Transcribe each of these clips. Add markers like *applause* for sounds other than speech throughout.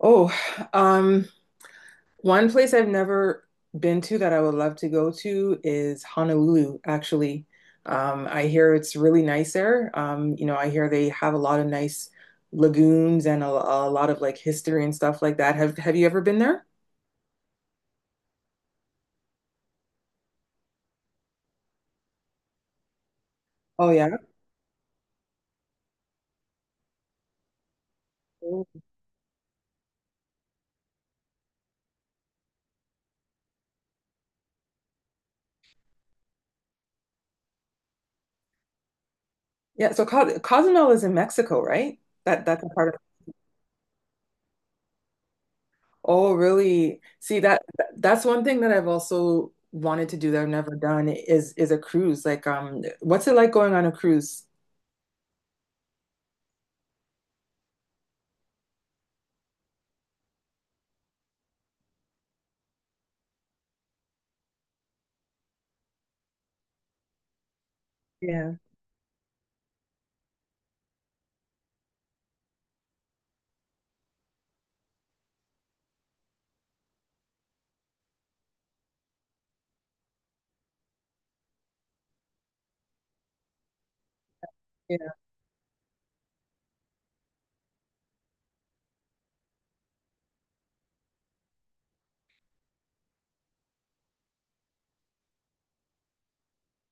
Oh, um, one place I've never been to that I would love to go to is Honolulu, actually. I hear it's really nice there. I hear they have a lot of nice lagoons and a lot of like history and stuff like that. Have you ever been there? Oh yeah. Cool. Yeah, so Co Cozumel is in Mexico, right? That's a part of. Oh, really? See that's one thing that I've also wanted to do that I've never done is a cruise. Like what's it like going on a cruise? Yeah. Yeah,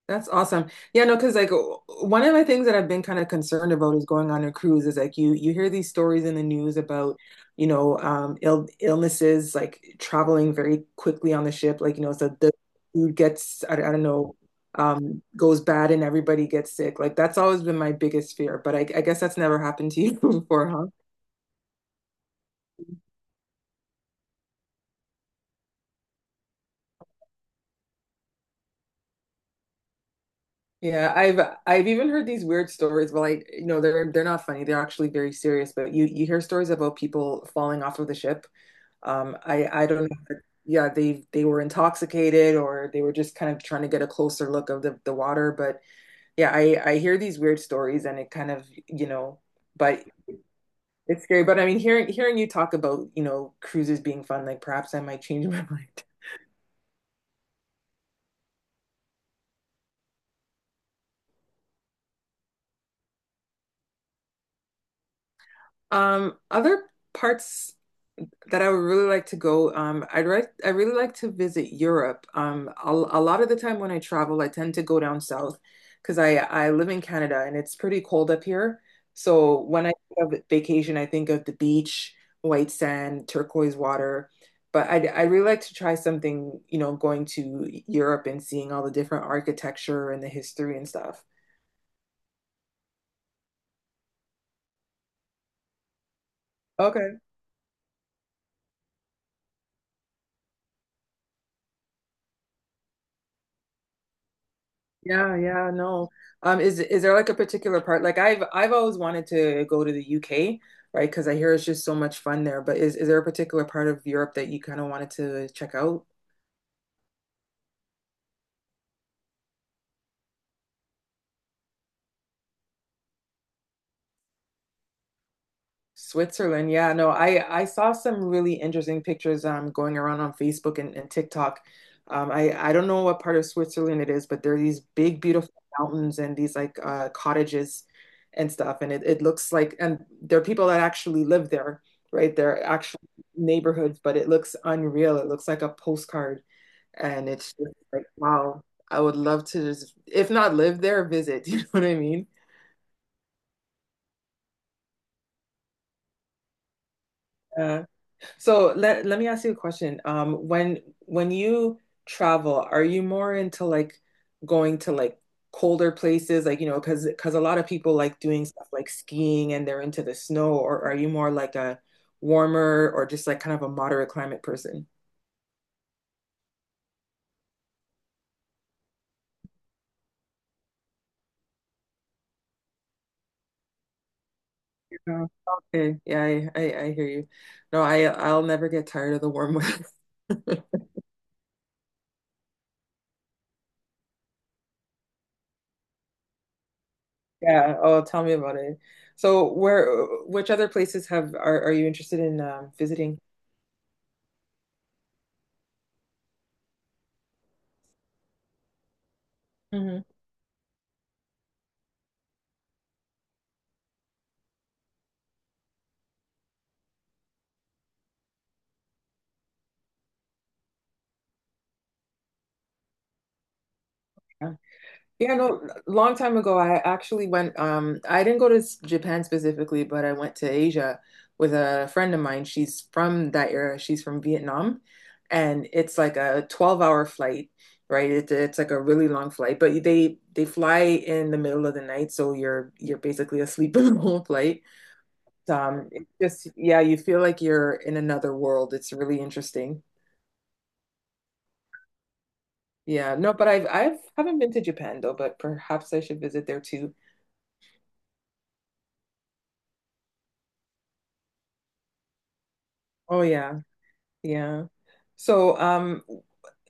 that's awesome. Yeah, no, because like one of the things that I've been kind of concerned about is going on a cruise is like you hear these stories in the news about, you know, illnesses like traveling very quickly on the ship. Like, you know, so the food gets I don't know, goes bad and everybody gets sick. Like that's always been my biggest fear, but I guess that's never happened to you *laughs* before, huh? Yeah, I've even heard these weird stories, but like, you know, they're not funny. They're actually very serious, but you hear stories about people falling off of the ship. I don't know. If it- Yeah, they were intoxicated or they were just kind of trying to get a closer look of the water. But yeah, I hear these weird stories and it kind of, but it's scary. But I mean, hearing you talk about, you know, cruises being fun, like perhaps I might change my *laughs* mind. Other parts that I would really like to go. I really like to visit Europe. A lot of the time when I travel, I tend to go down south because I live in Canada and it's pretty cold up here. So when I think of vacation, I think of the beach, white sand, turquoise water. But I really like to try something, you know, going to Europe and seeing all the different architecture and the history and stuff. Okay. Yeah, yeah, no. Is there like a particular part? Like I've always wanted to go to the UK, right? Because I hear it's just so much fun there. But is there a particular part of Europe that you kind of wanted to check out? Switzerland. Yeah, no, I saw some really interesting pictures going around on Facebook and TikTok. I don't know what part of Switzerland it is, but there are these big, beautiful mountains and these like cottages and stuff, and it looks like, and there are people that actually live there, right? They're actual neighborhoods, but it looks unreal. It looks like a postcard, and it's just like wow. I would love to just, if not live there, visit. *laughs* You know what I mean? Uh, So let me ask you a question. When you travel, are you more into like going to like colder places, like you know, because a lot of people like doing stuff like skiing and they're into the snow, or are you more like a warmer or just like kind of a moderate climate person? Yeah. Okay, yeah, I hear you. No, I'll never get tired of the warm weather. *laughs* Yeah. Oh, tell me about it. So where which other places have are you interested in visiting? Mhm. Yeah, no, long time ago, I actually went, I didn't go to Japan specifically, but I went to Asia with a friend of mine. She's from that era. She's from Vietnam, and it's like a 12-hour flight, right? It's like a really long flight, but they fly in the middle of the night, so you're basically asleep *laughs* in the whole flight. It's just, yeah, you feel like you're in another world. It's really interesting. Yeah, no, but I've haven't been to Japan though, but perhaps I should visit there too. Oh yeah. Yeah. So,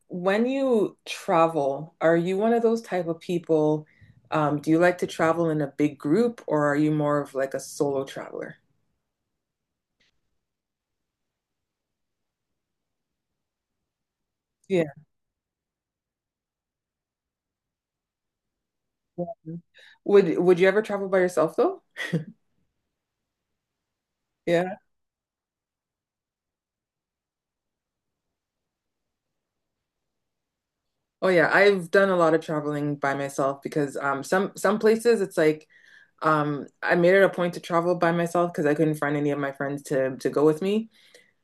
when you travel, are you one of those type of people? Do you like to travel in a big group or are you more of like a solo traveler? Yeah. Yeah. Would you ever travel by yourself though? Yeah. Oh yeah, I've done a lot of traveling by myself because some places it's like I made it a point to travel by myself because I couldn't find any of my friends to go with me.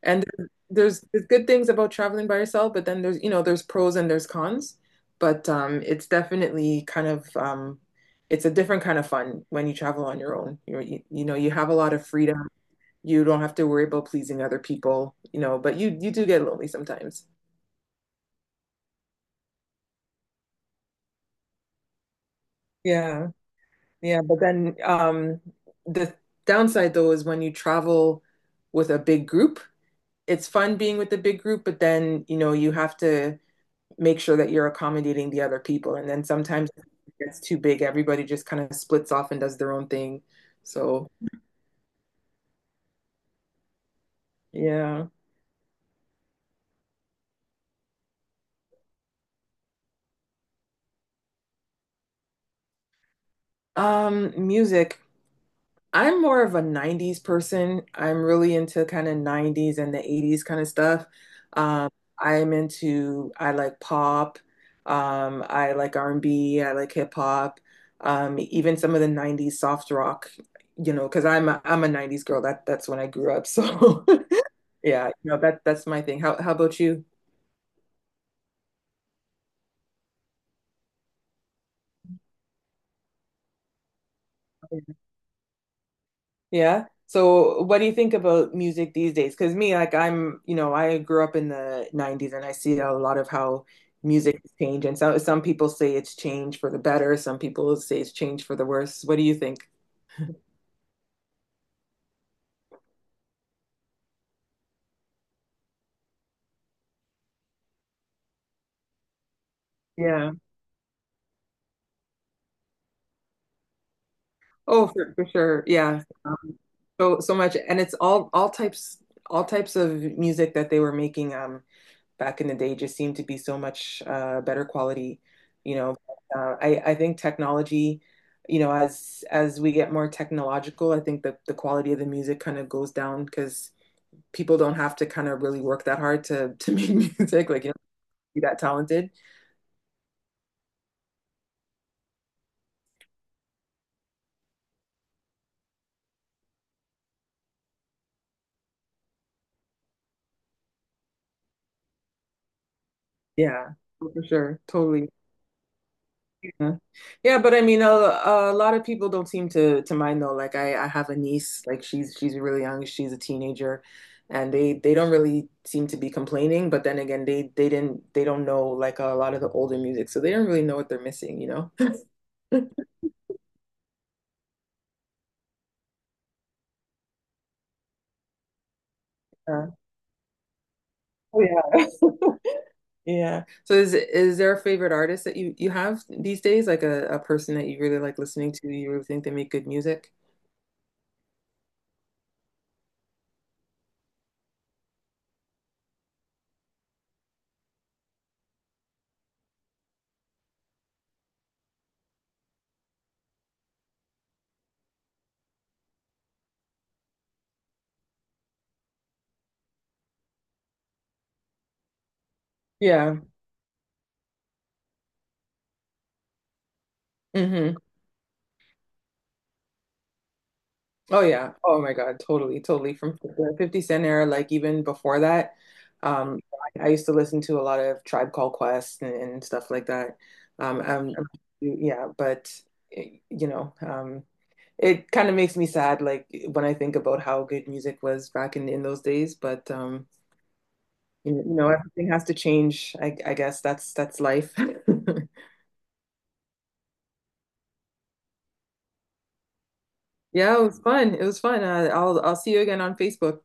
And there's good things about traveling by yourself, but then there's, you know, there's pros and there's cons. But it's definitely kind of, it's a different kind of fun when you travel on your own. You know, you have a lot of freedom. You don't have to worry about pleasing other people, you know, but you do get lonely sometimes. Yeah, yeah, but then the downside though is when you travel with a big group, it's fun being with the big group, but then you know you have to make sure that you're accommodating the other people. And then sometimes it gets too big. Everybody just kind of splits off and does their own thing. So, yeah. Music. I'm more of a 90s person. I'm really into kind of 90s and the 80s kind of stuff. Um, I like pop. I like r and B. I like hip hop. Even some of the 90s soft rock, you know, because I'm a 90s girl. That's when I grew up. So *laughs* Yeah, no, that's my thing. How about you? Yeah. So what do you think about music these days? Because me, like I'm, you know, I grew up in the 90s and I see a lot of how music has changed. And some people say it's changed for the better, some people say it's changed for the worse. What do you think? Yeah. Oh, for sure. Yeah. So so much, and it's all types of music that they were making. Back in the day just seemed to be so much better quality. You know, I think technology, you know, as we get more technological, I think the quality of the music kind of goes down because people don't have to kind of really work that hard to make *laughs* music, like you know, be that talented. Yeah, for sure. Totally. Yeah. Yeah, but I mean, a lot of people don't seem to mind though. Like I have a niece, like she's really young, she's a teenager, and they don't really seem to be complaining, but then again, they don't know like a lot of the older music, so they don't really know what they're missing, you know? *laughs* Yeah. Oh yeah. Yeah. So is there a favorite artist that you have these days, like a person that you really like listening to, you really think they make good music? Yeah. Hmm. Oh yeah. Oh my God. Totally, totally. From the 50 Cent era, like even before that, um, I used to listen to a lot of Tribe Called Quest and stuff like that. Um, um, yeah, but eh, you know, it kind of makes me sad, like when I think about how good music was back in those days. But you know, everything has to change. I guess that's life. *laughs* Yeah, it was fun. It was fun. I'll see you again on Facebook.